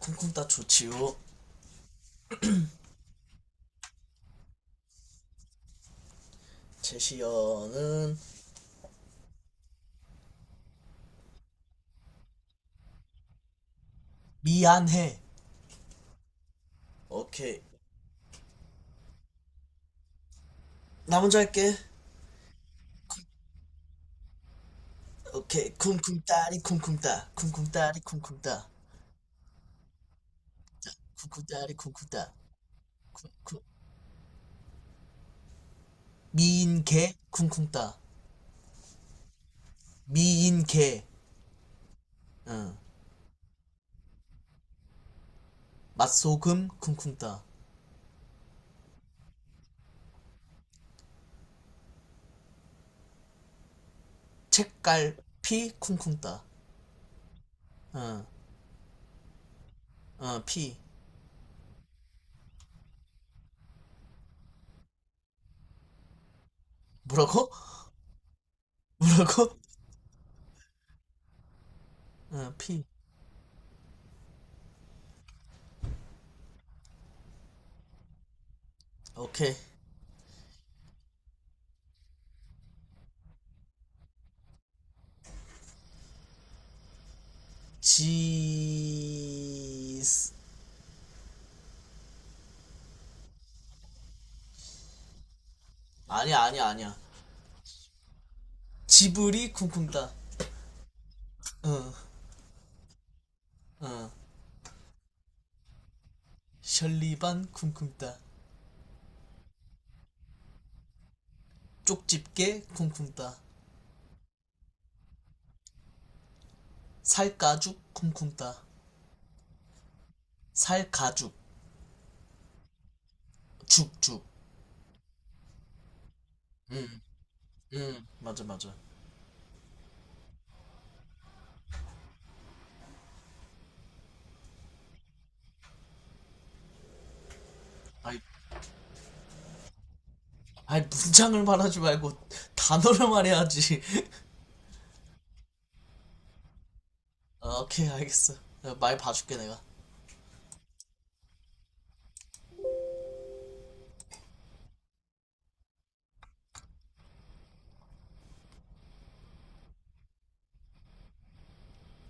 쿵쿵따 좋지요. 제시어는 미안해. 오케이. 나 먼저 할게. 쿵- 오케이. 쿵쿵따리 쿵쿵따. 쿵쿵따리 쿵쿵따. 쿵쿵따리 쿵쿵따. 쿵쿵. 미인개 쿵쿵따. 미인개. 응. 맛소금 쿵쿵따. 책갈 피 쿵쿵따. 응. 응. 피. 뭐라고? 뭐라고? 응. 피. 오케이. 지. 아니야 아니야 아니야. 지브리 쿵쿵따. 어, 어. 셜리반 쿵쿵따. 쪽집게 쿵쿵따. 살가죽 쿵쿵따. 살가죽. 죽죽. 응. 응 맞아 맞아. 아이, 아이 문장을 말하지 말고 단어를 말해야지. 어, 오케이 알겠어. 내가 말 봐줄게 내가.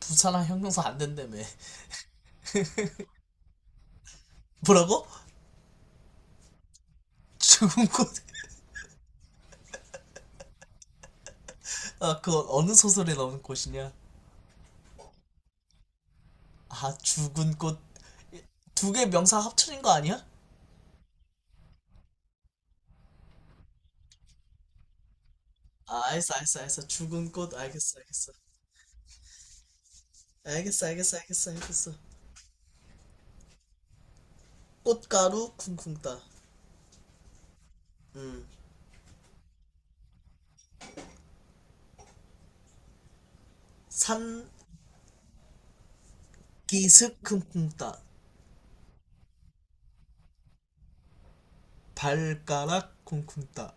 부산항 형용사 안 된다며. 뭐라고? 죽은 꽃. 아, 그거 어느 소설에 나오는 꽃이냐. 아 죽은 꽃. 두 개 명사 합쳐진 거 아니야? 아, 알겠어, 알겠어, 알겠어. 죽은 꽃, 알겠어, 알겠어. 알겠어, 알겠어, 알겠어, 알겠어. 꽃가루 쿵쿵 따. 음. 산기슭 쿵쿵 따. 발가락 쿵쿵 따.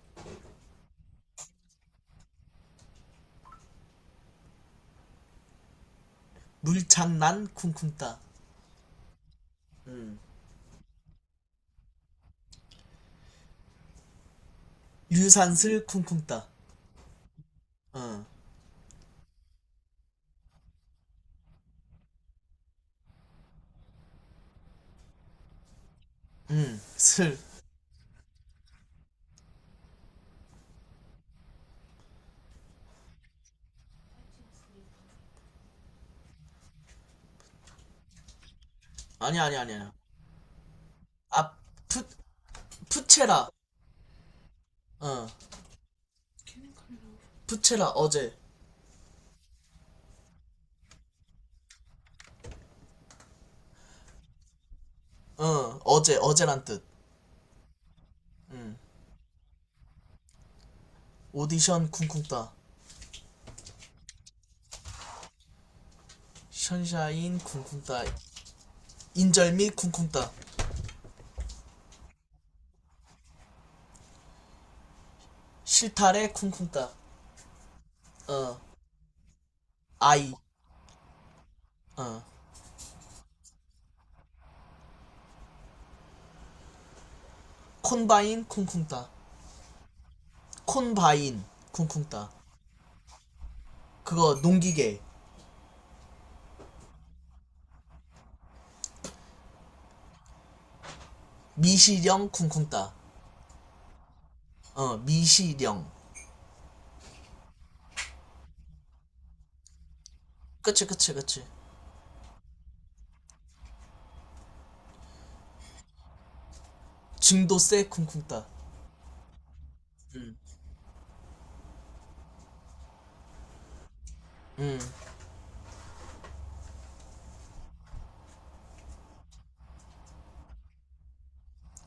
물장난 쿵쿵 따. 음. 유산슬 쿵쿵 따. 어. 음. 슬. 아니야, 아니야, 아니야. 아, 푸, 푸체라. 어. 푸체라, 어제. 어, 어제, 어제란 뜻. 음. 오디션 쿵쿵 따. 션샤인 쿵쿵 따. 인절미 쿵쿵 따. 실타래 쿵쿵따. 어. 아이. 어. 콘바인 쿵쿵따. 콘바인 쿵쿵따. 그거 농기계. 미시령 쿵쿵따. 어 미시령. 그치 그치 그치. 증도세 쿵쿵따.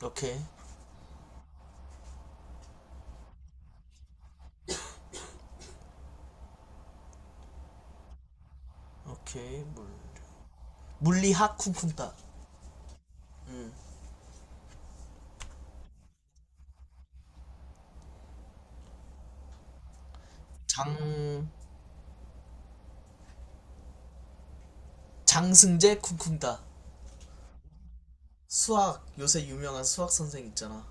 오케이. 오케이 물. 물리학 쿵쿵따. 장 장승재 쿵쿵따. 수학 요새 유명한 수학 선생 있잖아.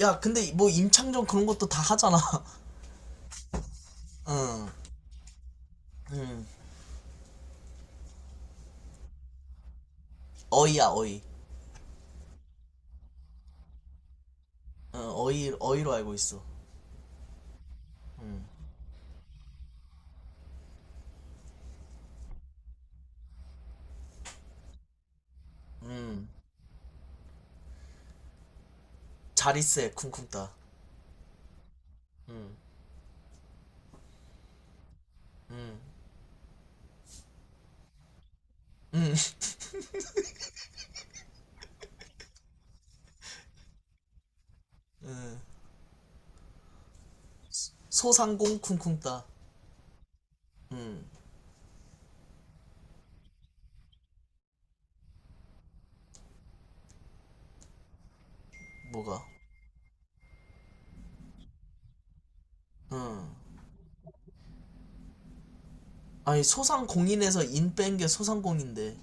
야 근데 뭐 임창정 그런 것도 다 하잖아. 응. 응. 어이야 어이. 어, 어이 어이로 알고 있어. 음, 자리세 쿵쿵따. 소상공 쿵쿵따. 음, 뭐가? 음. 아니, 소상공인에서 인 뺀 게 소상공인데.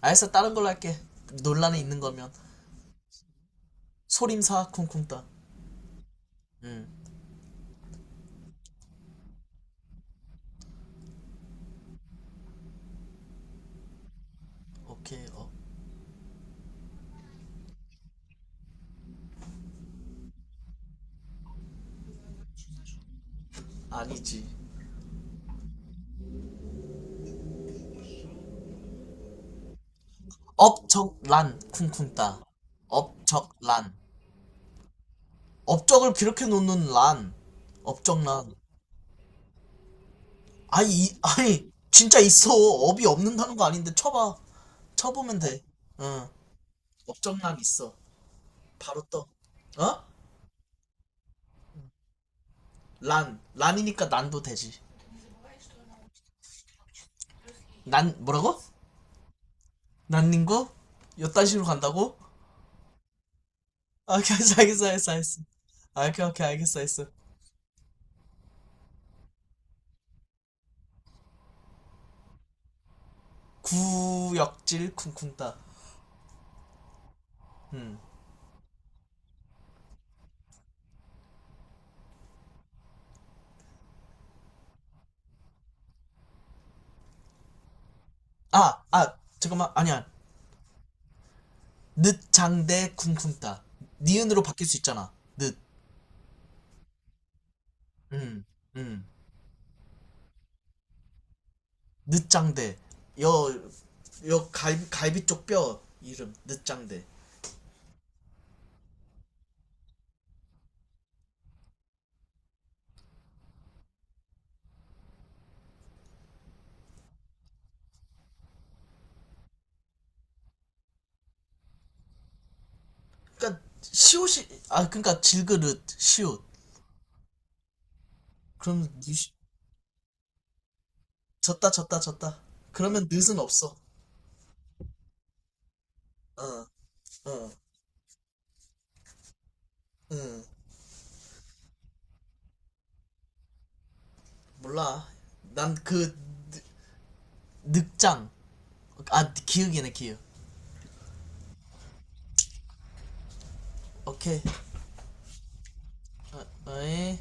알았어, 다른 걸로 할게. 논란에 있는 거면. 소림사 쿵쿵따. 음, 오케이, 어. 아니지. 업적란 쿵쿵따. 업적란. 업적을 비롯해 놓는 란. 업적란. 아니, 아니, 진짜 있어. 업이 없는다는 거 아닌데 쳐봐. 쳐보면 돼. 응, 업적란 있어. 바로 떠. 어? 란. 란이니까 난도 되지. 난, 뭐라고? 난님고? 요딴 식으로 간다고? 아, 오케이, 알겠어, 알겠어, 알겠어, 알겠어. 아, 오케이, 오케이, 알겠어, 알겠어. 구역질 쿵쿵따. 음. 아, 아, 잠깐만, 아니야. 늦장대 쿵쿵따. 니은으로 바뀔 수 있잖아. 늦. 음, 음. 늦장대. 여, 여 갈비 쪽 뼈 이름. 늦장대. 그니까, 시옷이, 아, 그니까 질그릇, 시옷. 그럼, 니, 시- 졌다 졌다 졌다. 그러면 넷은 없어. 어어응. 어, 어. 응. 몰라. 난 그 늑장. 아 기억이네 기억. 오케이. 어, 어이.